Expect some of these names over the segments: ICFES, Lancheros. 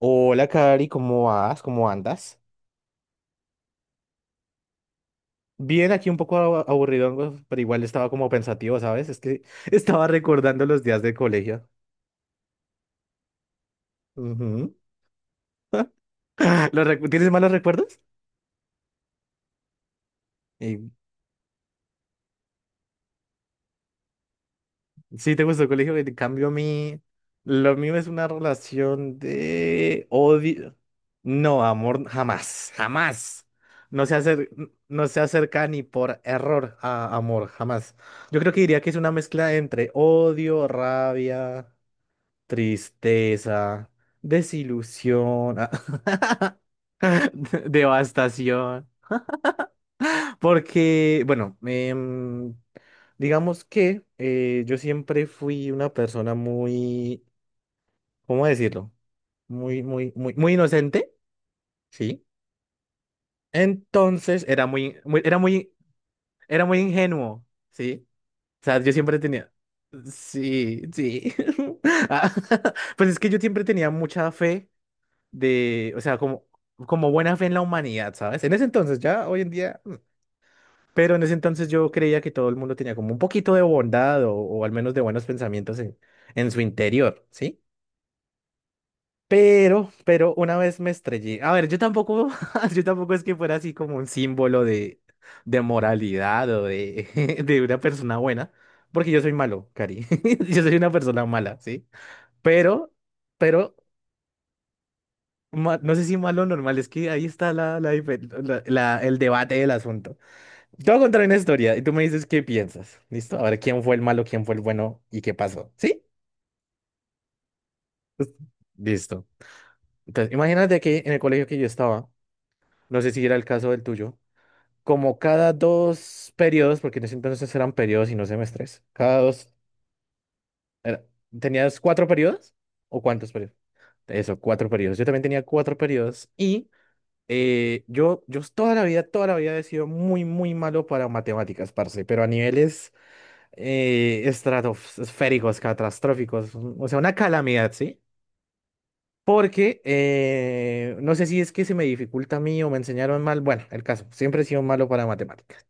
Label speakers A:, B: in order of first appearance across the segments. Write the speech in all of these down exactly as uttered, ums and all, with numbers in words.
A: Hola, Cari, ¿cómo vas? ¿Cómo andas? Bien, aquí un poco ab- aburridongo, pero igual estaba como pensativo, ¿sabes? Es que estaba recordando los días de colegio. Ujú. ¿Los recu- ¿Tienes malos recuerdos? Eh, sí, te gustó el colegio, en cambio a mí, lo mío es una relación de odio. No, amor, jamás, jamás. No se acer- no se acerca ni por error a amor, jamás. Yo creo que diría que es una mezcla entre odio, rabia, tristeza, desilusión, ah, de- devastación. Porque, bueno, em, digamos que eh, yo siempre fui una persona muy, ¿cómo decirlo? Muy, muy, muy, muy inocente, ¿sí? Entonces era muy, muy- era muy, era muy ingenuo, ¿sí? O sea, yo siempre tenía, sí, sí. Ah, pues es que yo siempre tenía mucha fe de, o sea, como, como buena fe en la humanidad, ¿sabes? En ese entonces, ya hoy en día, mm, pero en ese entonces yo creía que todo el mundo tenía como un poquito de bondad o, o al menos de buenos pensamientos en, en su interior, ¿sí? Pero, pero una vez me estrellé. A ver, yo tampoco, yo tampoco es que fuera así como un símbolo de, de moralidad o de, de una persona buena, porque yo soy malo, Cari. Yo soy una persona mala, ¿sí? Pero, pero ma- no sé si malo o normal, es que ahí está la, la dife- la- la- el debate del asunto. Te voy a contar una historia y tú me dices qué piensas. ¿Listo? A ver quién fue el malo, quién fue el bueno y qué pasó. ¿Sí? Listo. Entonces, imagínate que en el colegio que yo estaba, no sé si era el caso del tuyo, como cada dos periodos, porque en ese entonces eran periodos y no semestres, cada dos, era- ¿tenías cuatro periodos? ¿O cuántos periodos? Eso, cuatro periodos. Yo también tenía cuatro periodos y Eh, yo, yo toda la vida, toda la vida he sido muy, muy malo para matemáticas, parce, pero a niveles eh, estratosféricos, catastróficos, o sea, una calamidad, ¿sí? Porque eh, no sé si es que se me dificulta a mí o me enseñaron mal, bueno, el caso, siempre he sido malo para matemáticas.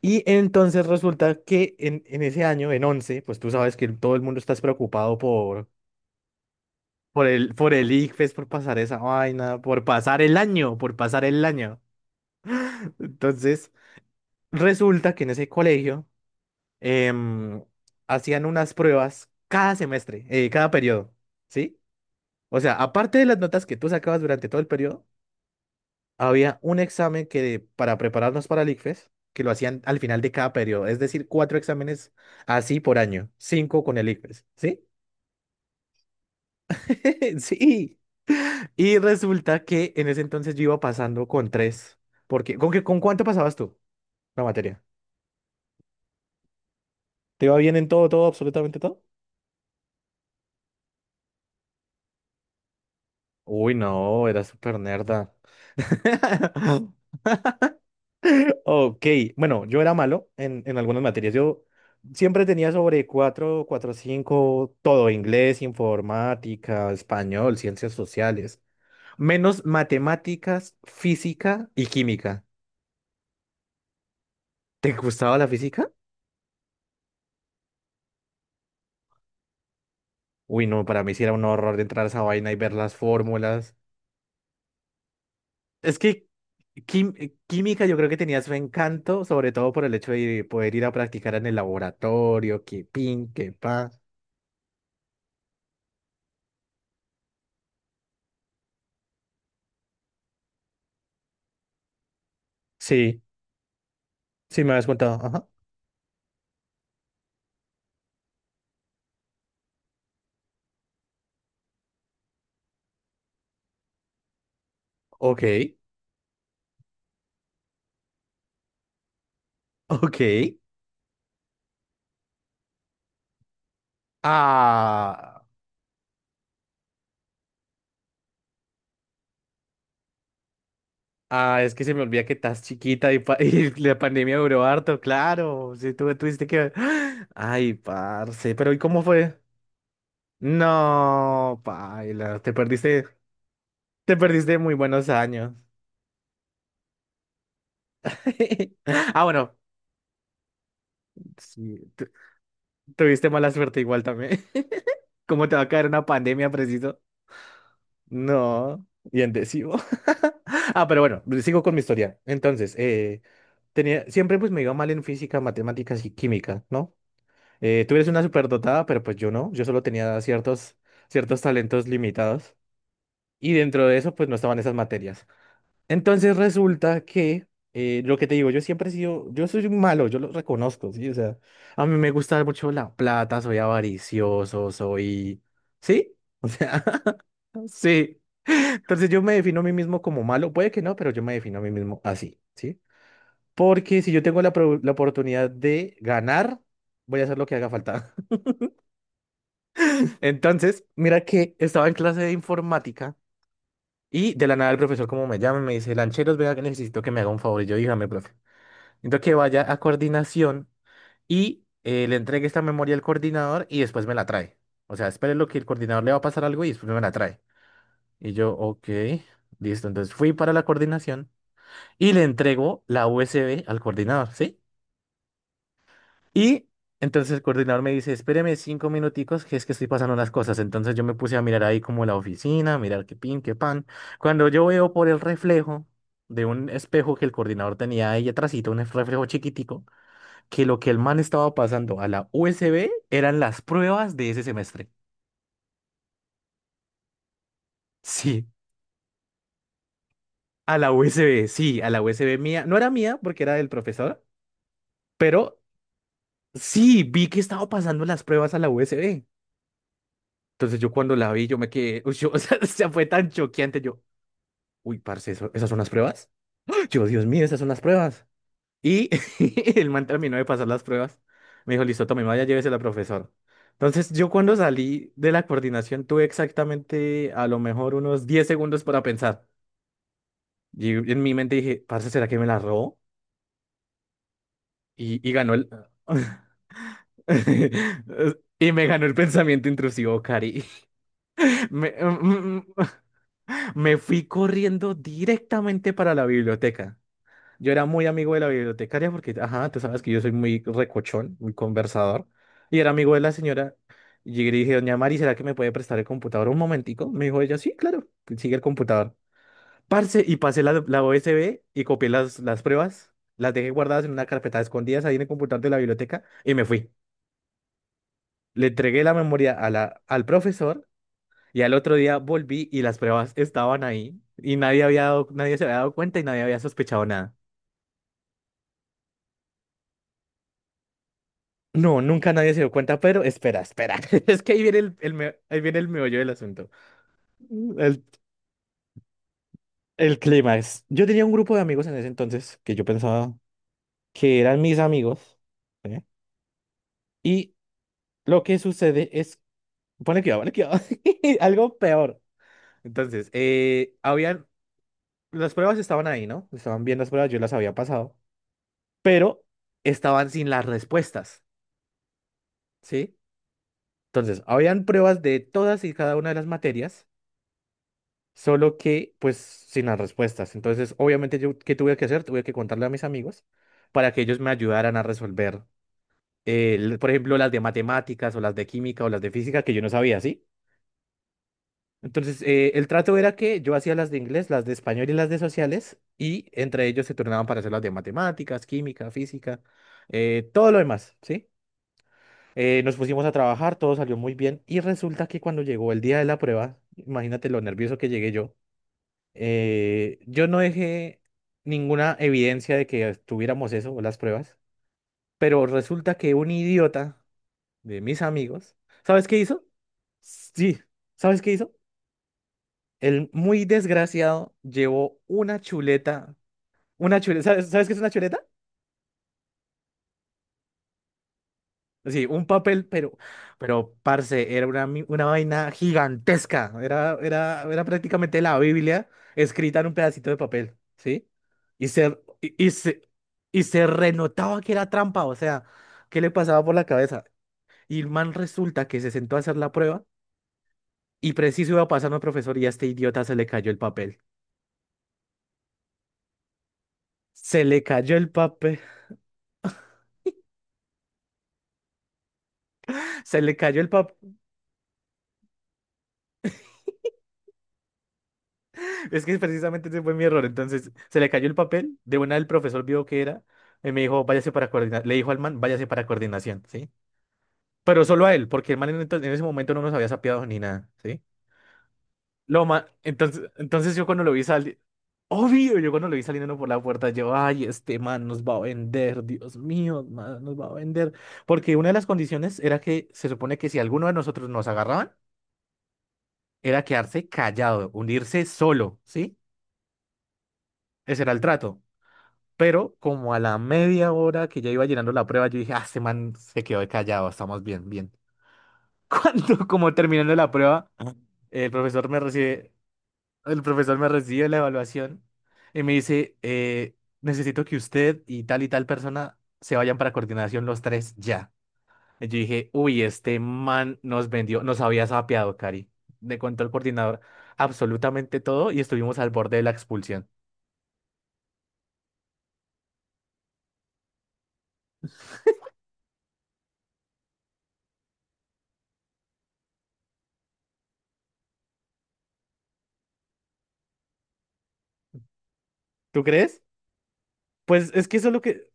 A: Y entonces resulta que en, en ese año, en once pues tú sabes que todo el mundo está preocupado por, por el, por el ICFES, por pasar esa vaina, por pasar el año, por pasar el año. Entonces… resulta que en ese colegio em, hacían unas pruebas cada semestre, eh, cada periodo, ¿sí? O sea, aparte de las notas que tú sacabas durante todo el periodo, había un examen que de- para prepararnos para el ICFES, que lo hacían al final de cada periodo, es decir, cuatro exámenes así por año, cinco con el ICFES, ¿sí? Sí. Y resulta que en ese entonces yo iba pasando con tres, porque ¿con qué, con cuánto pasabas tú la materia? ¿Te iba bien en todo, todo, absolutamente todo? Uy, no, era súper nerda. Ok, bueno, yo era malo en, en algunas materias. Yo siempre tenía sobre cuatro, cuatro cinco, todo, inglés, informática, español, ciencias sociales, menos matemáticas, física y química. ¿Te gustaba la física? Uy, no, para mí sí era un horror de entrar a esa vaina y ver las fórmulas. Es que quim- eh, química yo creo que tenía su encanto, sobre todo por el hecho de poder ir a practicar en el laboratorio, que pin, que pa. Sí, sí me habías contado. Ajá. Ok, ok. Ah, ah, es que se me olvida que estás chiquita y, pa- y la pandemia duró harto, claro. Sí, tú tuviste que… Ay, parce, pero ¿y cómo fue? No, paila, te perdiste, te perdiste muy buenos años. Ah, bueno, sí, tuviste mala suerte igual también. ¿Cómo te va a caer una pandemia, preciso? No, y endecivo. Ah, pero bueno, sigo con mi historia. Entonces, eh, tenía, siempre pues me iba mal en física, matemáticas y química, ¿no? Eh, tú eres una superdotada, pero pues yo no, yo solo tenía ciertos, ciertos talentos limitados. Y dentro de eso, pues no estaban esas materias. Entonces resulta que eh, lo que te digo, yo siempre he sido, yo soy un malo, yo lo reconozco, ¿sí? O sea, a mí me gusta mucho la plata, soy avaricioso, soy… ¿Sí? O sea, sí. Entonces yo me defino a mí mismo como malo, puede que no, pero yo me defino a mí mismo así, ¿sí? Porque si yo tengo la, pro- la oportunidad de ganar, voy a hacer lo que haga falta. Entonces, mira que estaba en clase de informática y de la nada el profesor como me llama y me dice, Lancheros, vea que necesito que me haga un favor. Y yo, dígame, profe. Entonces que vaya a coordinación y eh, le entregue esta memoria al coordinador y después me la trae. O sea, espere lo que el coordinador le va a pasar algo y después me la trae. Y yo, ok, listo. Entonces fui para la coordinación y le entrego la U S B al coordinador, ¿sí? Y entonces el coordinador me dice, espéreme cinco minuticos, que es que estoy pasando unas cosas. Entonces yo me puse a mirar ahí como la oficina, mirar qué pin, qué pan. Cuando yo veo por el reflejo de un espejo que el coordinador tenía ahí atrásito, un reflejo chiquitico, que lo que el man estaba pasando a la U S B eran las pruebas de ese semestre. Sí, a la U S B, sí, a la U S B mía. No era mía porque era del profesor, pero sí, vi que estaba pasando las pruebas a la U S B. Entonces yo cuando la vi, yo me quedé, uy, yo- o sea, fue tan choqueante, yo, uy, parce, ¿eso- ¿esas son las pruebas? Yo, Dios mío, esas son las pruebas. Y el man terminó de pasar las pruebas. Me dijo, listo, tome, vaya, llévese la profesora. Entonces, yo cuando salí de la coordinación tuve exactamente a lo mejor unos diez segundos para pensar. Y en mi mente dije, parce, ¿será que me la robó? Y, y ganó el… y me ganó el pensamiento intrusivo, Cari. Me, me fui corriendo directamente para la biblioteca. Yo era muy amigo de la bibliotecaria porque, ajá, tú sabes que yo soy muy recochón, muy conversador. Y era amigo de la señora. Y llegué y le dije, doña Mari, ¿será que me puede prestar el computador un momentico? Me dijo ella, sí, claro, sigue el computador. Parce, y pasé la, la U S B y copié las, las pruebas. Las dejé guardadas en una carpeta escondidas ahí en el computador de la biblioteca y me fui. Le entregué la memoria a la, al profesor y al otro día volví y las pruebas estaban ahí. Y nadie había dado- nadie se había dado cuenta y nadie había sospechado. No, nunca nadie se dio cuenta, pero espera, espera. Es que ahí viene el, el me- ahí viene el meollo del asunto. El, el clímax. Yo tenía un grupo de amigos en ese entonces que yo pensaba que eran mis amigos. ¿Eh? Y lo que sucede es… pone cuidado, pone cuidado. Algo peor. Entonces, eh, habían… las pruebas estaban ahí, ¿no? Estaban bien las pruebas, yo las había pasado. Pero estaban sin las respuestas, ¿sí? Entonces, habían pruebas de todas y cada una de las materias solo que pues sin las respuestas. Entonces, obviamente yo, ¿qué tuve que hacer? Tuve que contarle a mis amigos para que ellos me ayudaran a resolver, eh, l- por ejemplo, las de matemáticas o las de química o las de física que yo no sabía, ¿sí? Entonces, eh, el trato era que yo hacía las de inglés, las de español y las de sociales y entre ellos se turnaban para hacer las de matemáticas, química, física, eh, todo lo demás, ¿sí? Eh, nos pusimos a trabajar, todo salió muy bien y resulta que cuando llegó el día de la prueba, imagínate lo nervioso que llegué yo. Eh, yo no dejé ninguna evidencia de que tuviéramos eso o las pruebas, pero resulta que un idiota de mis amigos, ¿sabes qué hizo? Sí, ¿sabes qué hizo? El muy desgraciado llevó una chuleta, una chuleta, ¿sabes, sabes qué es una chuleta? Sí, un papel, pero, pero, parce, era una, mi- una vaina gigantesca. Era, era, era prácticamente la Biblia escrita en un pedacito de papel, ¿sí? Y se, y, y se, y se renotaba que era trampa, o sea, ¿qué le pasaba por la cabeza? Y el man resulta que se sentó a hacer la prueba y preciso iba pasando al profesor y a este idiota se le cayó el papel. Se le cayó el papel, se le cayó el papel. Es que precisamente ese fue mi error. Entonces, se le cayó el papel. De una, el profesor vio que era. Y me dijo, váyase para coordinación. Le dijo al man, váyase para coordinación, ¿sí? Pero solo a él, porque el man en, ento- en ese momento no nos había sapeado ni nada, ¿sí? Lo ma- entonces, entonces yo cuando lo vi salir. Obvio, yo cuando lo vi saliendo por la puerta, yo, ay, este man nos va a vender, Dios mío, man, nos va a vender. Porque una de las condiciones era que se supone que si alguno de nosotros nos agarraban, era quedarse callado, unirse solo, ¿sí? Ese era el trato. Pero como a la media hora que ya iba llenando la prueba, yo dije, ah, este man se quedó callado, estamos bien, bien. Cuando, como terminando la prueba, el profesor me recibe, el profesor me recibe la evaluación y me dice, eh, necesito que usted y tal y tal persona se vayan para coordinación los tres ya. Y yo dije, uy, este man nos vendió, nos había sapeado, Cari. Me contó el coordinador absolutamente todo y estuvimos al borde de la expulsión. ¿Tú crees? Pues es que eso es lo que,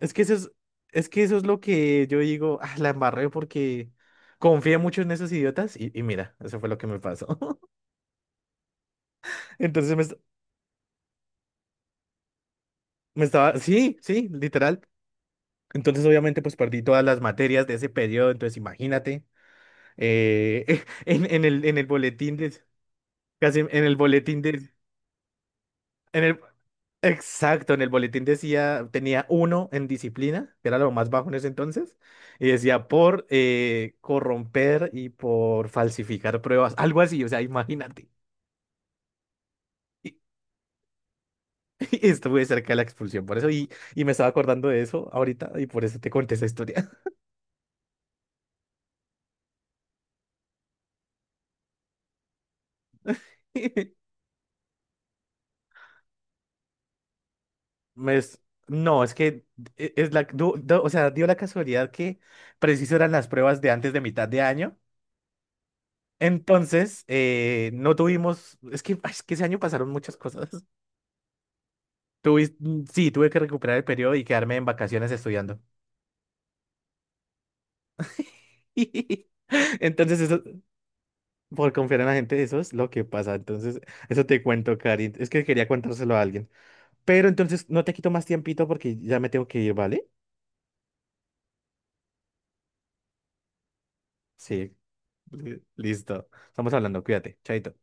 A: es que eso es, es que eso es lo que yo digo, ah, la embarré porque confié mucho en esos idiotas y, y mira, eso fue lo que me pasó. Entonces me, est- me estaba, sí, sí, literal. Entonces obviamente pues perdí todas las materias de ese periodo, entonces imagínate, eh, en, en el, en el boletín de, casi en el boletín de, en el, exacto, en el boletín decía, tenía uno en disciplina, que era lo más bajo en ese entonces, y decía por eh, corromper y por falsificar pruebas, algo así, o sea, imagínate. Y, y estuve cerca de la expulsión, por eso, y, y me estaba acordando de eso ahorita, y por eso te conté esa historia. Me es- no, es que e- es la, du- du- o sea, dio la casualidad que preciso eran las pruebas de antes de mitad de año. Entonces, eh, no tuvimos, es que, ay, es que ese año pasaron muchas cosas. Tuve, mm, sí, tuve que recuperar el periodo y quedarme en vacaciones estudiando. Entonces, eso, por confiar en la gente, eso es lo que pasa. Entonces, eso te cuento, Cari. Es que quería contárselo a alguien. Pero entonces, no te quito más tiempito porque ya me tengo que ir, ¿vale? Sí, li- listo. Estamos hablando, cuídate, chaito.